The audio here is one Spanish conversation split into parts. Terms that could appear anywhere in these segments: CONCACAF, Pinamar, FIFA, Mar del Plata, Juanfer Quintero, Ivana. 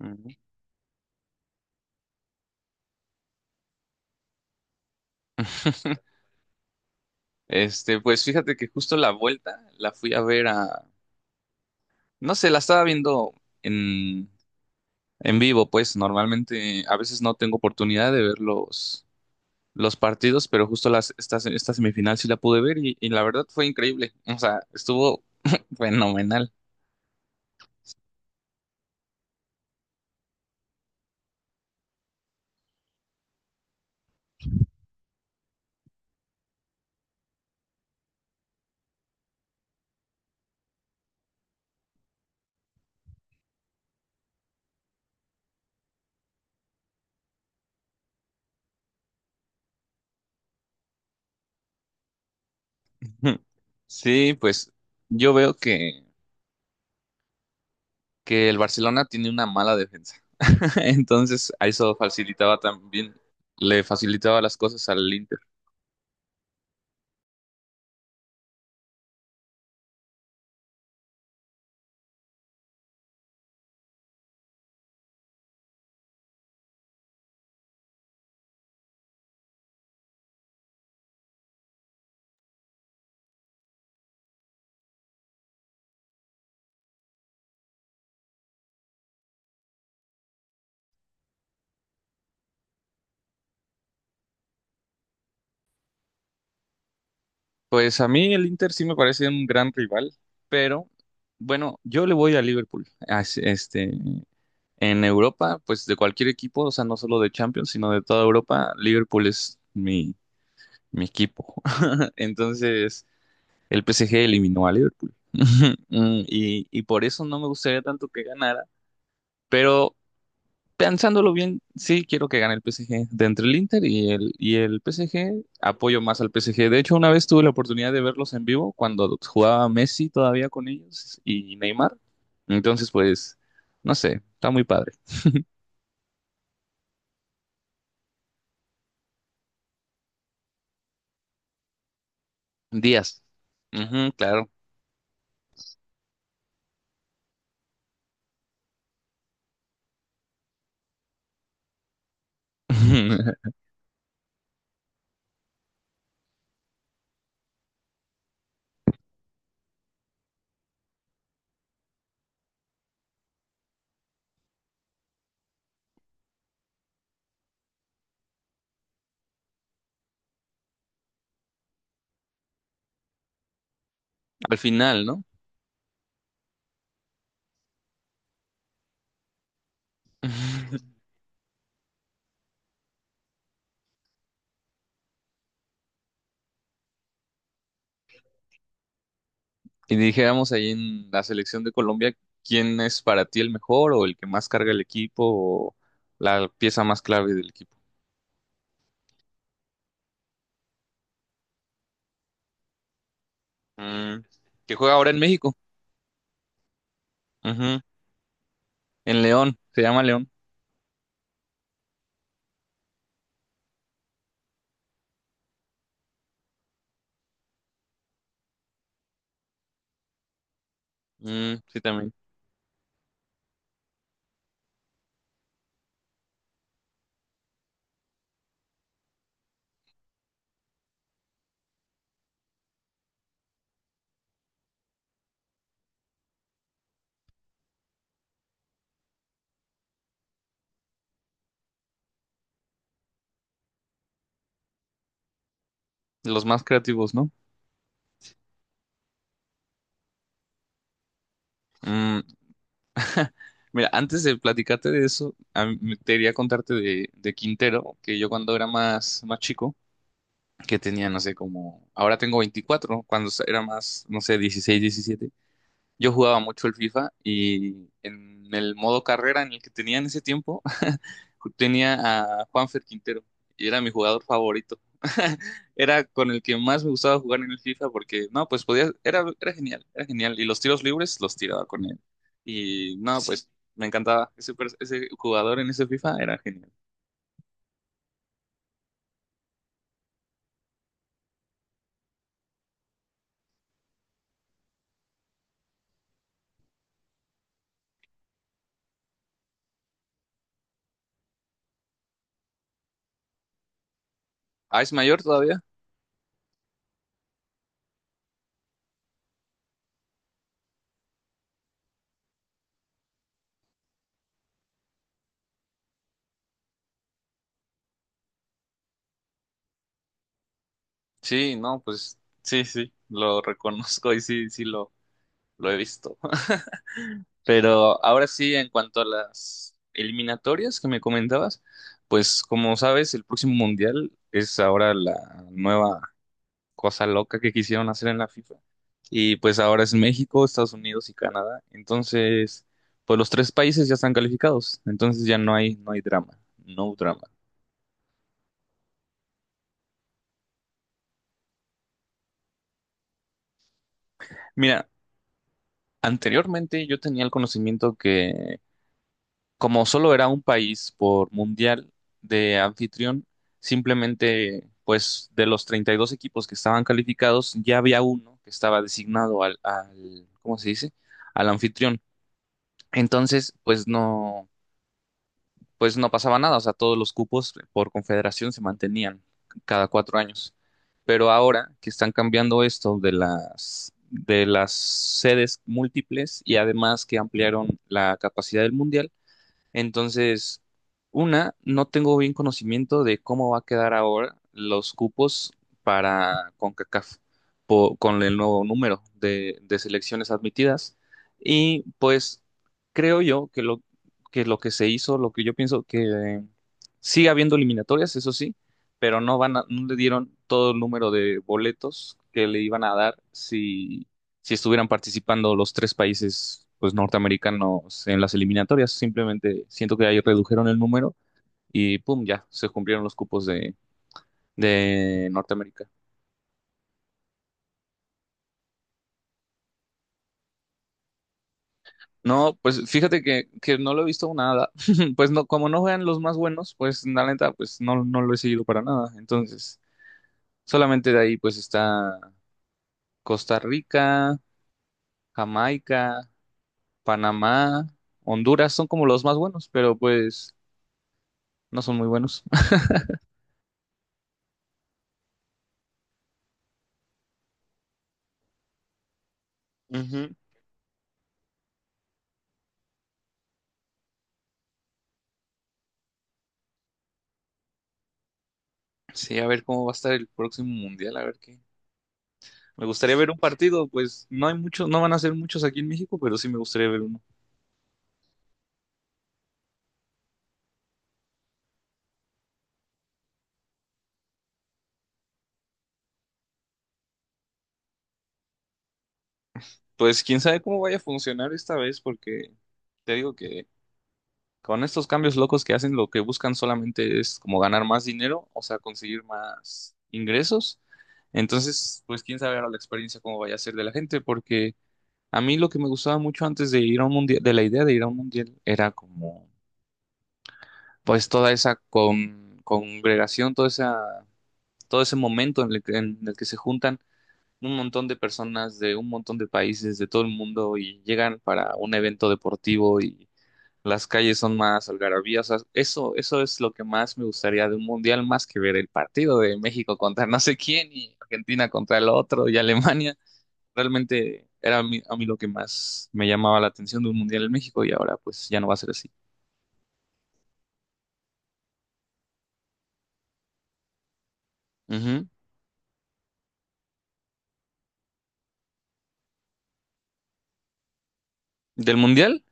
Mm. Pues fíjate que justo la vuelta la fui a ver no sé, la estaba viendo en, en vivo. Pues normalmente a veces no tengo oportunidad de ver los partidos, pero justo esta semifinal sí la pude ver y la verdad fue increíble, o sea, estuvo fenomenal. Sí, pues yo veo que el Barcelona tiene una mala defensa, entonces a eso facilitaba también, le facilitaba las cosas al Inter. Pues a mí el Inter sí me parece un gran rival, pero bueno, yo le voy a Liverpool. En Europa, pues de cualquier equipo, o sea, no solo de Champions, sino de toda Europa, Liverpool es mi equipo. Entonces, el PSG eliminó a Liverpool. Y por eso no me gustaría tanto que ganara, pero pensándolo bien, sí quiero que gane el PSG. De entre el Inter y el PSG, apoyo más al PSG. De hecho, una vez tuve la oportunidad de verlos en vivo cuando jugaba Messi todavía con ellos y Neymar. Entonces, pues, no sé, está muy padre. Díaz. Ujú, claro. Al final, ¿no? Y dijéramos ahí en la selección de Colombia, ¿quién es para ti el mejor o el que más carga el equipo o la pieza más clave del equipo? Mm, que juega ahora en México. En León, se llama León. Mm, sí, también. Los más creativos, ¿no? Mm, Mira, antes de platicarte de eso, a mí te quería contarte de Quintero, que yo cuando era más, más chico, que tenía, no sé, como, ahora tengo 24, cuando era más, no sé, 16, 17, yo jugaba mucho el FIFA y en el modo carrera en el que tenía en ese tiempo, tenía a Juanfer Quintero y era mi jugador favorito. Era con el que más me gustaba jugar en el FIFA porque, no, pues podía, era genial, era genial. Y los tiros libres los tiraba con él. Y no, sí, pues me encantaba. Ese jugador en ese FIFA era genial. Ah, es mayor todavía. Sí, no, pues sí, sí, lo reconozco y sí, sí lo he visto. Pero ahora sí, en cuanto a las eliminatorias que me comentabas, pues como sabes, el próximo mundial es ahora la nueva cosa loca que quisieron hacer en la FIFA. Y pues ahora es México, Estados Unidos y Canadá. Entonces, pues los tres países ya están calificados. Entonces ya no hay, no hay drama, no drama. Mira, anteriormente yo tenía el conocimiento que como solo era un país por mundial de anfitrión, simplemente, pues de los 32 equipos que estaban calificados, ya había uno que estaba designado al, ¿cómo se dice? Al anfitrión. Entonces, pues no pasaba nada, o sea, todos los cupos por confederación se mantenían cada 4 años. Pero ahora que están cambiando esto de las sedes múltiples y además que ampliaron la capacidad del mundial, entonces, no tengo bien conocimiento de cómo va a quedar ahora los cupos para CONCACAF con el nuevo número de selecciones admitidas. Y pues creo yo que que lo que se hizo, lo que yo pienso que sigue habiendo eliminatorias, eso sí, pero no le dieron todo el número de boletos que le iban a dar si estuvieran participando los tres países pues norteamericanos en las eliminatorias. Simplemente siento que ahí redujeron el número y pum, ya se cumplieron los cupos de Norteamérica. No, pues fíjate que no lo he visto nada. Pues no, como no juegan los más buenos, pues la neta, pues no, no lo he seguido para nada. Entonces, solamente de ahí pues está Costa Rica, Jamaica, Panamá, Honduras, son como los más buenos, pero pues no son muy buenos. Sí, a ver cómo va a estar el próximo mundial, a ver qué. Me gustaría ver un partido, pues no hay muchos, no van a ser muchos aquí en México, pero sí me gustaría ver uno. Pues quién sabe cómo vaya a funcionar esta vez, porque te digo que con estos cambios locos que hacen, lo que buscan solamente es como ganar más dinero, o sea, conseguir más ingresos. Entonces, pues quién sabe ahora la experiencia cómo vaya a ser de la gente, porque a mí lo que me gustaba mucho antes de ir a un mundial, de la idea de ir a un mundial, era como, pues toda esa congregación, toda esa todo ese momento en en el que se juntan un montón de personas de un montón de países de todo el mundo y llegan para un evento deportivo y las calles son más algarabías. O sea, eso es lo que más me gustaría de un mundial, más que ver el partido de México contra no sé quién y Argentina contra el otro y Alemania. Realmente era a mí lo que más me llamaba la atención de un mundial en México y ahora pues ya no va a ser así. Ujú. ¿Del mundial?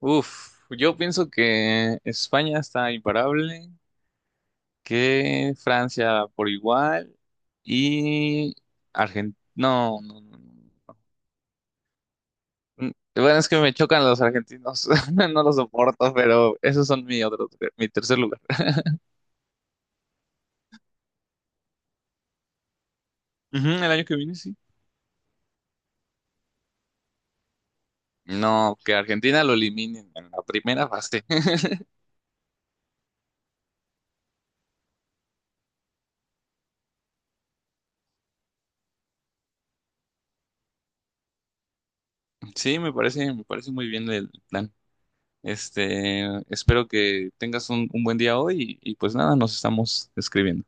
Uf, yo pienso que España está imparable, que Francia por igual y Argentina. No, no, no, no. Bueno, es que me chocan los argentinos, no los soporto, pero esos son mi tercer lugar. Ujú, el año que viene, sí. No, que Argentina lo eliminen en la primera fase. Sí, me parece muy bien el plan. Este, Espero que tengas un buen día hoy y pues nada, nos estamos escribiendo.